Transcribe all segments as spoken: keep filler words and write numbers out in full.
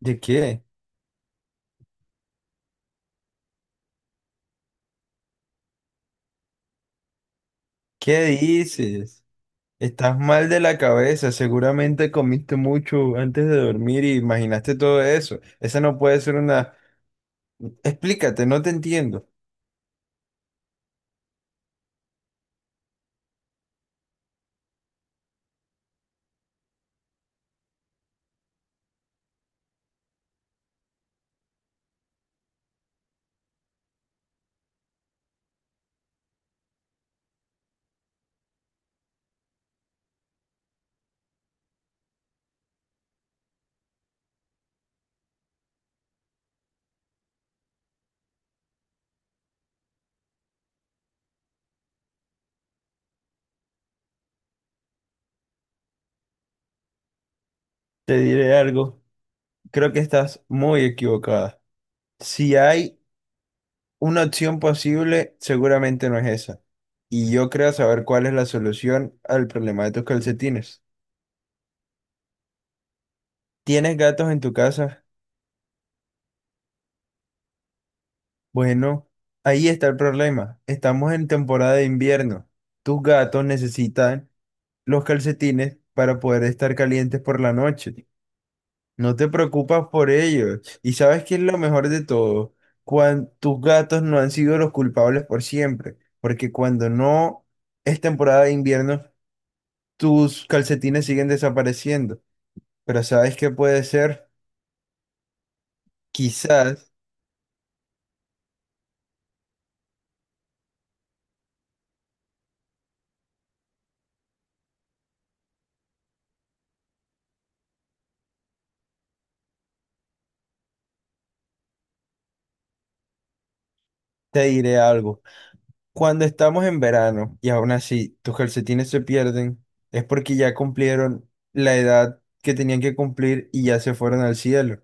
¿De qué? ¿Qué dices? Estás mal de la cabeza, seguramente comiste mucho antes de dormir y imaginaste todo eso. Esa no puede ser una... Explícate, no te entiendo. Te diré algo, creo que estás muy equivocada. Si hay una opción posible, seguramente no es esa. Y yo creo saber cuál es la solución al problema de tus calcetines. ¿Tienes gatos en tu casa? Bueno, ahí está el problema. Estamos en temporada de invierno. Tus gatos necesitan los calcetines para poder estar calientes por la noche. No te preocupas por ellos. Y sabes qué es lo mejor de todo, cuando tus gatos no han sido los culpables por siempre, porque cuando no es temporada de invierno, tus calcetines siguen desapareciendo. Pero ¿sabes qué puede ser? Quizás te diré algo. Cuando estamos en verano y aún así tus calcetines se pierden, es porque ya cumplieron la edad que tenían que cumplir y ya se fueron al cielo.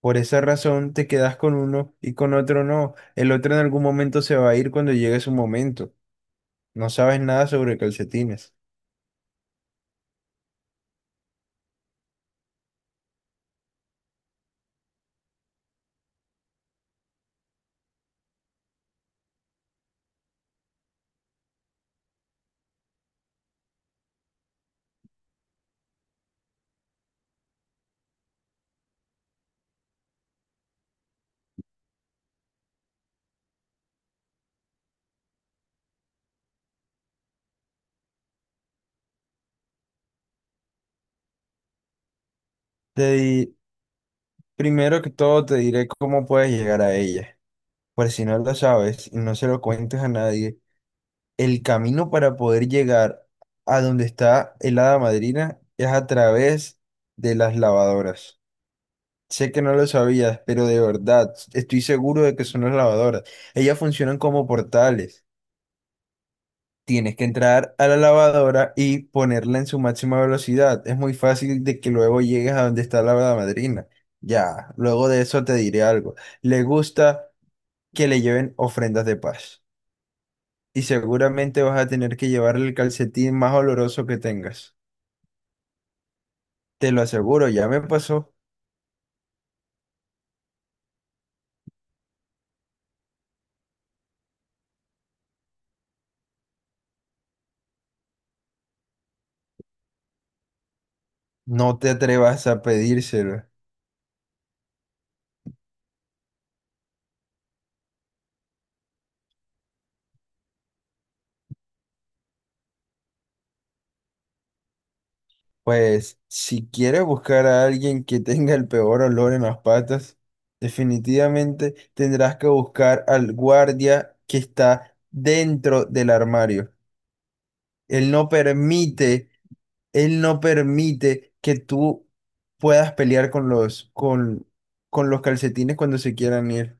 Por esa razón te quedas con uno y con otro no. El otro en algún momento se va a ir cuando llegue su momento. No sabes nada sobre calcetines. Te di- Primero que todo te diré cómo puedes llegar a ella. Por si no lo sabes y no se lo cuentes a nadie, el camino para poder llegar a donde está el hada madrina es a través de las lavadoras. Sé que no lo sabías, pero de verdad, estoy seguro de que son las lavadoras. Ellas funcionan como portales. Tienes que entrar a la lavadora y ponerla en su máxima velocidad. Es muy fácil de que luego llegues a donde está la hada madrina. Ya, luego de eso te diré algo. Le gusta que le lleven ofrendas de paz, y seguramente vas a tener que llevarle el calcetín más oloroso que tengas. Te lo aseguro, ya me pasó. No te atrevas a pedírselo. Pues si quieres buscar a alguien que tenga el peor olor en las patas, definitivamente tendrás que buscar al guardia que está dentro del armario. Él no permite, él no permite que tú puedas pelear con los, con, con los calcetines cuando se quieran ir.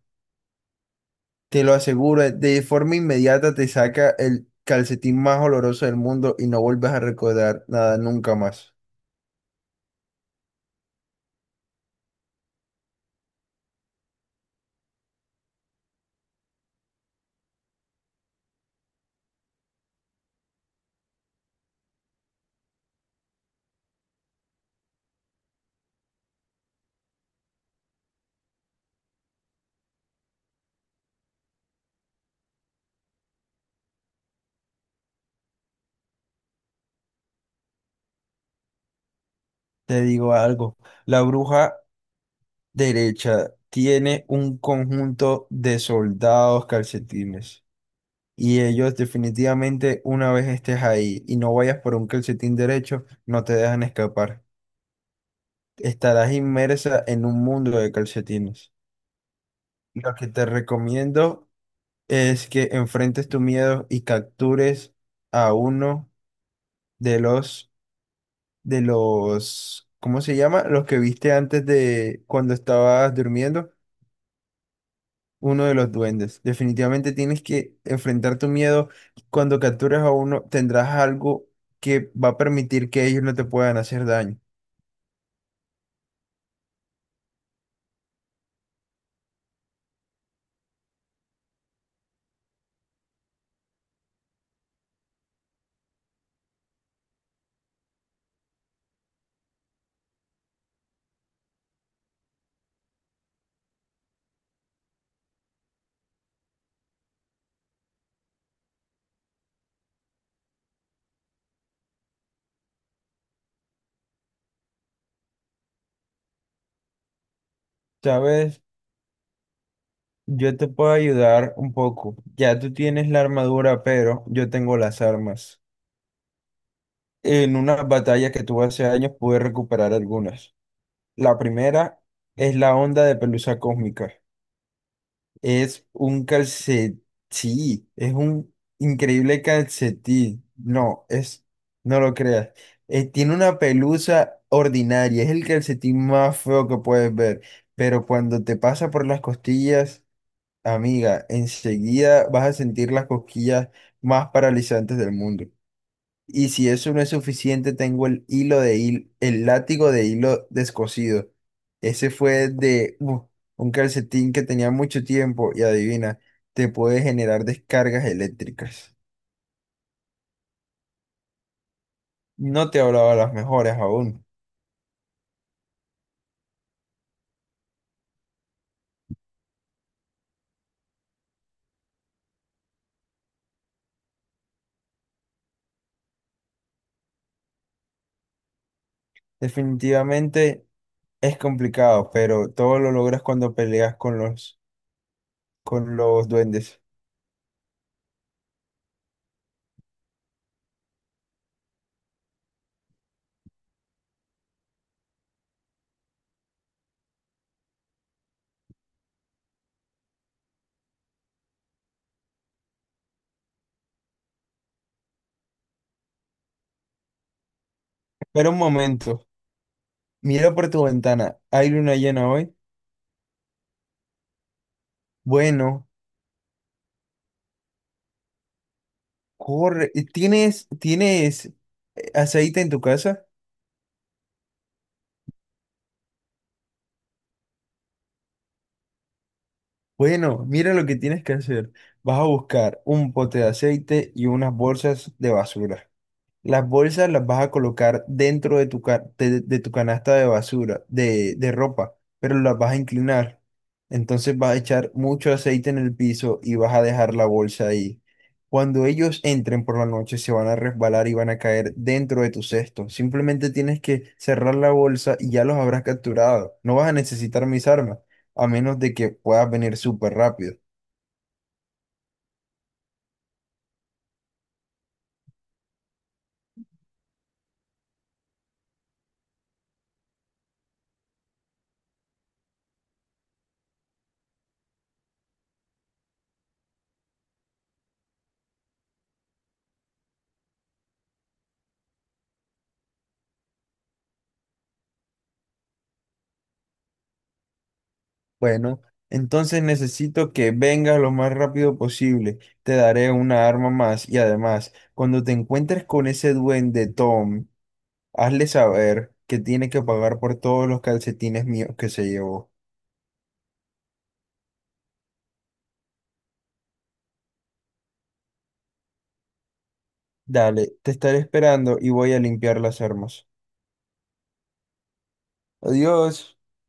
Te lo aseguro, de forma inmediata te saca el calcetín más oloroso del mundo y no vuelves a recordar nada nunca más. Te digo algo, la bruja derecha tiene un conjunto de soldados calcetines y ellos definitivamente una vez estés ahí y no vayas por un calcetín derecho, no te dejan escapar. Estarás inmersa en un mundo de calcetines. Lo que te recomiendo es que enfrentes tu miedo y captures a uno de los, de los, ¿cómo se llama? Los que viste antes de cuando estabas durmiendo, uno de los duendes. Definitivamente tienes que enfrentar tu miedo. Cuando captures a uno, tendrás algo que va a permitir que ellos no te puedan hacer daño. ¿Sabes? Yo te puedo ayudar un poco. Ya tú tienes la armadura, pero yo tengo las armas. En una batalla que tuve hace años pude recuperar algunas. La primera es la onda de pelusa cósmica. Es un calcetín. Sí, es un increíble calcetín. No, es, no lo creas. Eh, tiene una pelusa ordinaria. Es el calcetín más feo que puedes ver. Pero cuando te pasa por las costillas, amiga, enseguida vas a sentir las cosquillas más paralizantes del mundo. Y si eso no es suficiente, tengo el hilo de hil el látigo de hilo descosido. Ese fue de uh, un calcetín que tenía mucho tiempo y adivina, te puede generar descargas eléctricas. No te hablaba las mejores aún. Definitivamente es complicado, pero todo lo logras cuando peleas con los, con los duendes. Espera un momento. Mira por tu ventana. ¿Hay luna llena hoy? Bueno. Corre, eh, ¿tienes, tienes eh, aceite en tu casa? Bueno, mira lo que tienes que hacer. Vas a buscar un pote de aceite y unas bolsas de basura. Las bolsas las vas a colocar dentro de tu, ca- de, de tu canasta de basura, de, de ropa, pero las vas a inclinar. Entonces vas a echar mucho aceite en el piso y vas a dejar la bolsa ahí. Cuando ellos entren por la noche, se van a resbalar y van a caer dentro de tu cesto. Simplemente tienes que cerrar la bolsa y ya los habrás capturado. No vas a necesitar mis armas, a menos de que puedas venir súper rápido. Bueno, entonces necesito que vengas lo más rápido posible. Te daré una arma más y además, cuando te encuentres con ese duende Tom, hazle saber que tiene que pagar por todos los calcetines míos que se llevó. Dale, te estaré esperando y voy a limpiar las armas. Adiós.